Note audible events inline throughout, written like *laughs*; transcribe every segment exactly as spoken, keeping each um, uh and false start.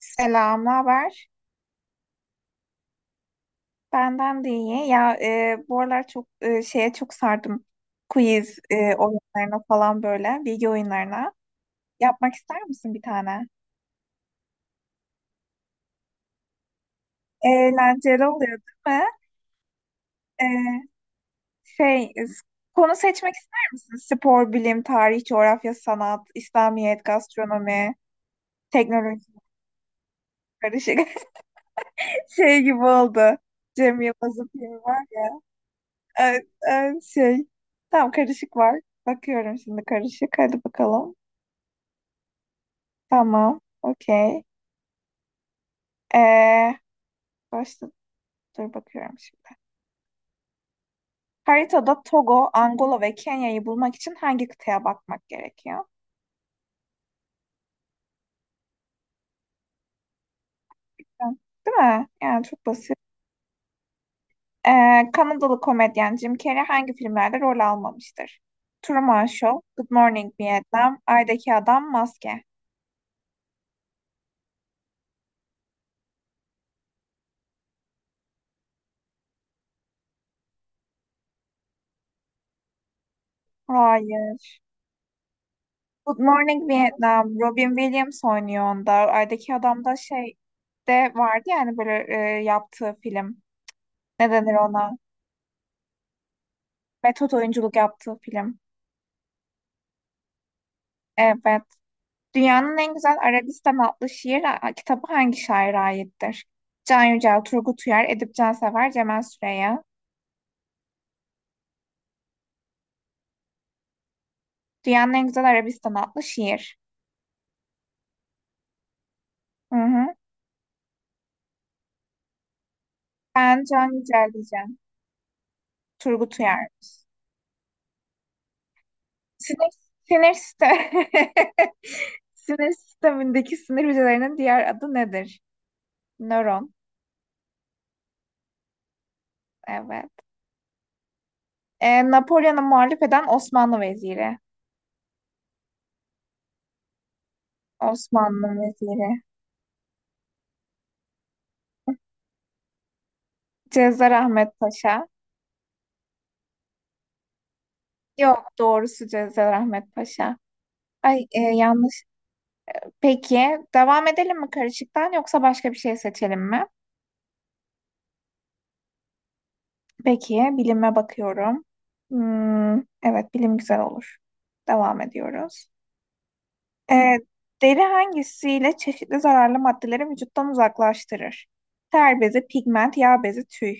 Selam, ne haber? Benden de iyi. Ya e, bu aralar çok e, şeye çok sardım. Quiz e, oyunlarına falan böyle, bilgi oyunlarına. Yapmak ister misin bir tane? Eğlenceli oluyor, değil mi? E, şey, e, s- konu seçmek ister misin? Spor, bilim, tarih, coğrafya, sanat, İslamiyet, gastronomi, teknoloji, karışık. *laughs* Şey gibi oldu. Cem Yılmaz'ın filmi var ya. E, e, şey, tamam, karışık var. Bakıyorum şimdi, karışık. Hadi bakalım. Tamam. Okey. Ee, başta dur, bakıyorum şimdi. Haritada Togo, Angola ve Kenya'yı bulmak için hangi kıtaya bakmak gerekiyor? Ben- Değil mi? Yani çok basit. Ee, Kanadalı komedyen Jim Carrey hangi filmlerde rol almamıştır? Truman Show, Good Morning Vietnam, Ay'daki Adam, Maske. Hayır. Good Morning Vietnam, Robin Williams oynuyor onda. Ay'daki Adam da şey de vardı, yani böyle e, yaptığı film. Ne denir ona? Metot oyunculuk yaptığı film. Evet. Dünyanın en güzel Arabistan adlı şiir a- kitabı hangi şaire aittir? Can Yücel, Turgut Uyar, Edip Cansever, Cemal Süreya. Dünyanın en güzel Arabistan adlı şiir. Hı hı. Ben Can Yücel diyeceğim. Turgut Uyar. Sinir, sinir sistemi. *laughs* Sinir sistemindeki sinir hücrelerinin diğer adı nedir? Nöron. Evet. E, Napolyon'a muhalif eden Osmanlı veziri. Osmanlı veziri. Cezar Ahmet Paşa. Yok, doğrusu Cezayirahmet Paşa. Ay, e, yanlış. Peki, devam edelim mi karışıktan, yoksa başka bir şey seçelim mi? Peki, bilime bakıyorum. Hmm, evet bilim güzel olur. Devam ediyoruz. E, deri hangisiyle çeşitli zararlı maddeleri vücuttan uzaklaştırır? Ter bezi, pigment, yağ bezi, tüy.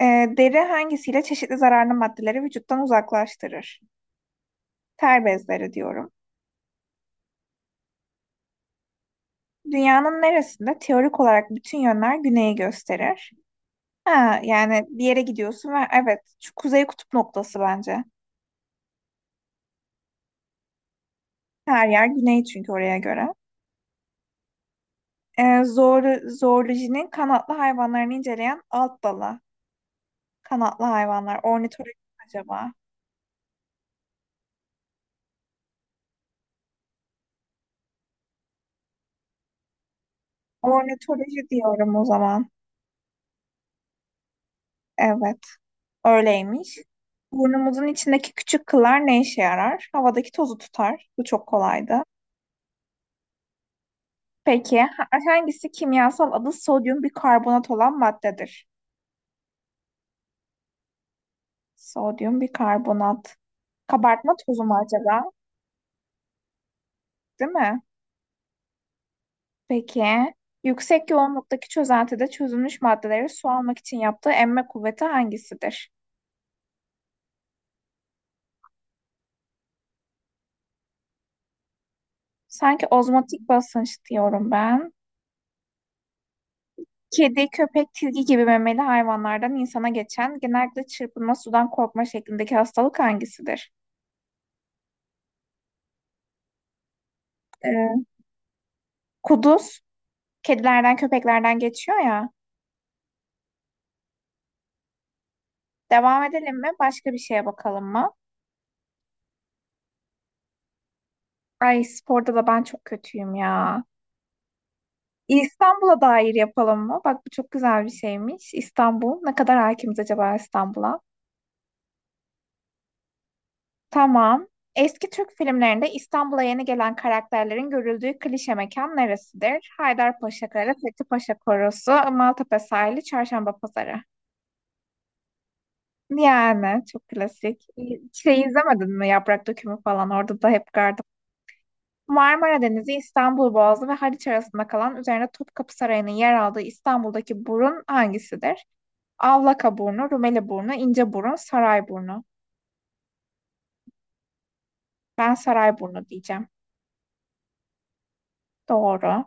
E, deri hangisiyle çeşitli zararlı maddeleri vücuttan uzaklaştırır? Ter bezleri diyorum. Dünyanın neresinde teorik olarak bütün yönler güneyi gösterir? Ha, yani bir yere gidiyorsun ve evet, şu kuzey kutup noktası bence. Her yer güney çünkü oraya göre. Ee, zoor- zoolojinin kanatlı hayvanlarını inceleyen alt dalı. Kanatlı hayvanlar. Ornitoloji mi acaba? Ornitoloji diyorum o zaman. Evet, öyleymiş. Burnumuzun içindeki küçük kıllar ne işe yarar? Havadaki tozu tutar. Bu çok kolaydı. Peki, ha- hangisi kimyasal adı sodyum bikarbonat olan maddedir? Sodyum bikarbonat. Kabartma tozu mu acaba? Değil mi? Peki. Yüksek yoğunluktaki çözeltide çözünmüş maddeleri su almak için yaptığı emme kuvveti hangisidir? Sanki ozmotik basınç diyorum ben. Kedi, köpek, tilki gibi memeli hayvanlardan insana geçen, genellikle çırpınma, sudan korkma şeklindeki hastalık hangisidir? Ee, kuduz, kedilerden köpeklerden geçiyor ya. Devam edelim mi? Başka bir şeye bakalım mı? Ay, sporda da ben çok kötüyüm ya. İstanbul'a dair yapalım mı? Bak, bu çok güzel bir şeymiş. İstanbul. Ne kadar hakimiz acaba İstanbul'a? Tamam. Eski Türk filmlerinde İstanbul'a yeni gelen karakterlerin görüldüğü klişe mekan neresidir? Haydarpaşa Kale, Fethi Paşa Korosu, Maltepe Sahili, Çarşamba Pazarı. Yani çok klasik. Şey, izlemedin mi Yaprak Dökümü falan? Orada da hep gardım. Marmara Denizi, İstanbul Boğazı ve Haliç arasında kalan, üzerine Topkapı Sarayı'nın yer aldığı İstanbul'daki burun hangisidir? Avlaka burnu, Rumeli burnu, ince burun, saray burnu. Ben saray burnu diyeceğim. Doğru.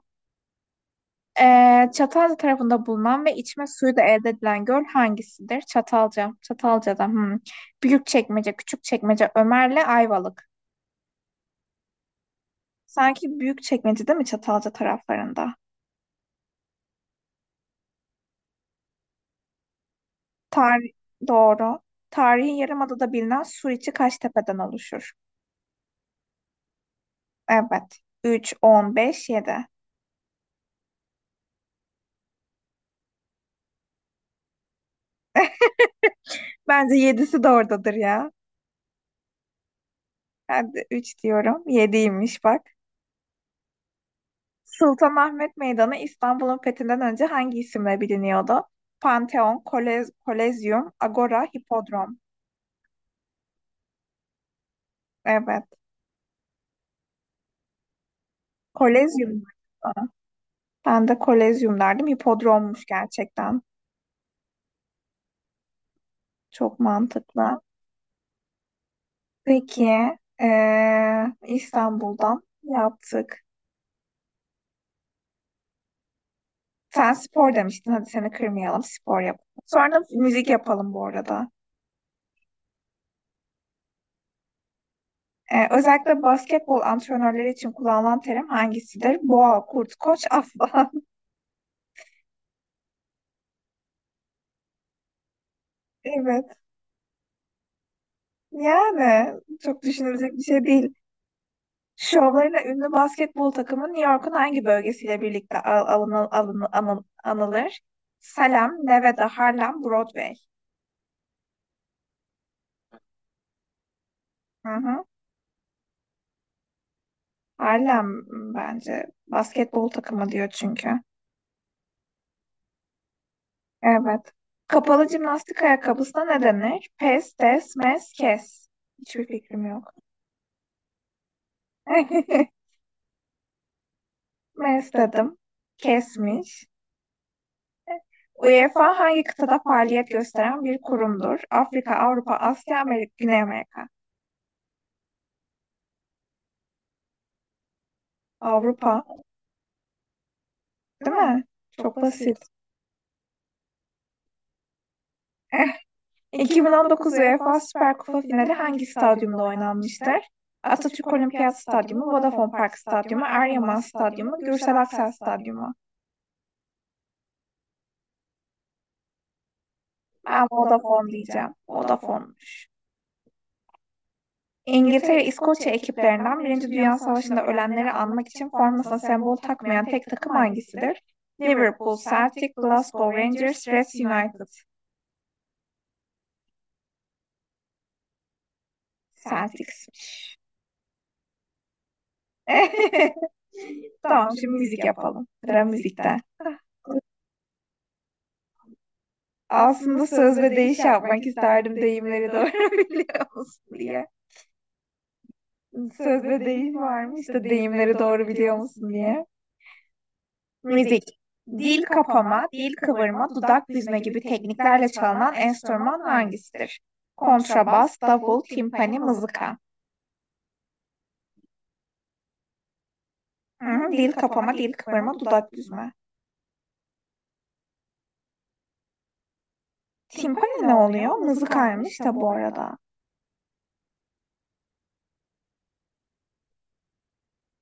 Ee, Çatalca tarafında bulunan ve içme suyu da elde edilen göl hangisidir? Çatalca. Çatalca'da. Hmm. Büyükçekmece, Küçükçekmece, Ömer'le Ayvalık. Sanki Büyükçekmece, değil mi Çatalca taraflarında? Tarih doğru. Tarihi Yarımada'da bilinen Suriçi kaç tepeden oluşur? Evet. Üç, on beş, yedi. Bence yedisi de oradadır ya. Ben de üç diyorum. Yediymiş bak. Sultanahmet Meydanı İstanbul'un fethinden önce hangi isimle biliniyordu? Panteon, Kolez, Kolezyum, Agora, Hipodrom. Evet. Kolezyum. Ben de Kolezyum derdim. Hipodrommuş gerçekten. Çok mantıklı. Peki, eee, İstanbul'dan yaptık. Sen spor demiştin. Hadi, seni kırmayalım. Spor yapalım. Sonra müzik yapalım bu arada. Eee, özellikle basketbol antrenörleri için kullanılan terim hangisidir? Boğa, kurt, koç, aslan. *laughs* Evet. Yani çok düşünülecek bir şey değil. Şovlarıyla ünlü basketbol takımı New York'un hangi bölgesiyle birlikte al alını- alını- anı- anılır? Salem, Nevada, Harlem, Broadway. Hı hı. Harlem, bence basketbol takımı diyor çünkü. Evet. Kapalı jimnastik ayakkabısına ne denir? Pes, des, mes, kes. Hiçbir fikrim yok. *laughs* Mes dedim. Kesmiş. UEFA hangi kıtada faaliyet gösteren bir kurumdur? Afrika, Avrupa, Asya, Amerika, Güney Amerika. Avrupa, değil mi? Çok basit. Eh, iki bin on dokuz UEFA Süper Kupa finali hangi stadyumda oynanmıştır? Atatürk Olimpiyat Stadyumu, Vodafone Park Stadyumu, Eryaman Stadyumu, Gürsel Aksel Stadyumu. Ben Vodafone diyeceğim. Vodafone'muş. İngiltere ve İskoçya ekiplerinden Birinci Dünya Savaşı'nda ölenleri anmak için formasına sembol takmayan tek takım hangisidir? Liverpool, Celtic, Glasgow Rangers, Leeds United. Celtics. *laughs* Tamam, şimdi müzik yapalım. Sıra müzikte. *laughs* Aslında söz ve deyiş yapmak isterdim, deyimleri doğru *laughs* biliyor musun diye. Söz ve deyim var mı işte, deyimleri doğru biliyor musun diye. Müzik, dil kapama, dil kıvırma, dudak büzme gibi tekniklerle çalınan enstrüman hangisidir? Kontrabas, davul, timpani, mızıka. Hı, dil kapama, dil kıvırma, dudak büzme. Timpani ne oluyor? Mızıkaymış da bu arada.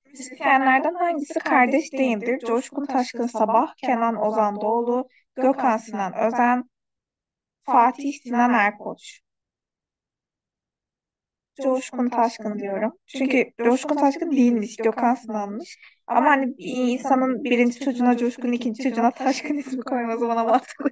Müzisyenlerden hangisi kardeş değildir? Coşkun Taşkın Sabah, Kenan Ozan Doğulu, Gökhan Sinan Özen, Fatih Sinan Erkoç. Coşkun Taşkın diyorum. Çünkü Coşkun Taşkın değilmiş, Gökhan Sınan'mış. Ama hani bir insanın birinci çocuğuna Coşkun, ikinci çocuğuna Taşkın ismi koyması bana mantıklı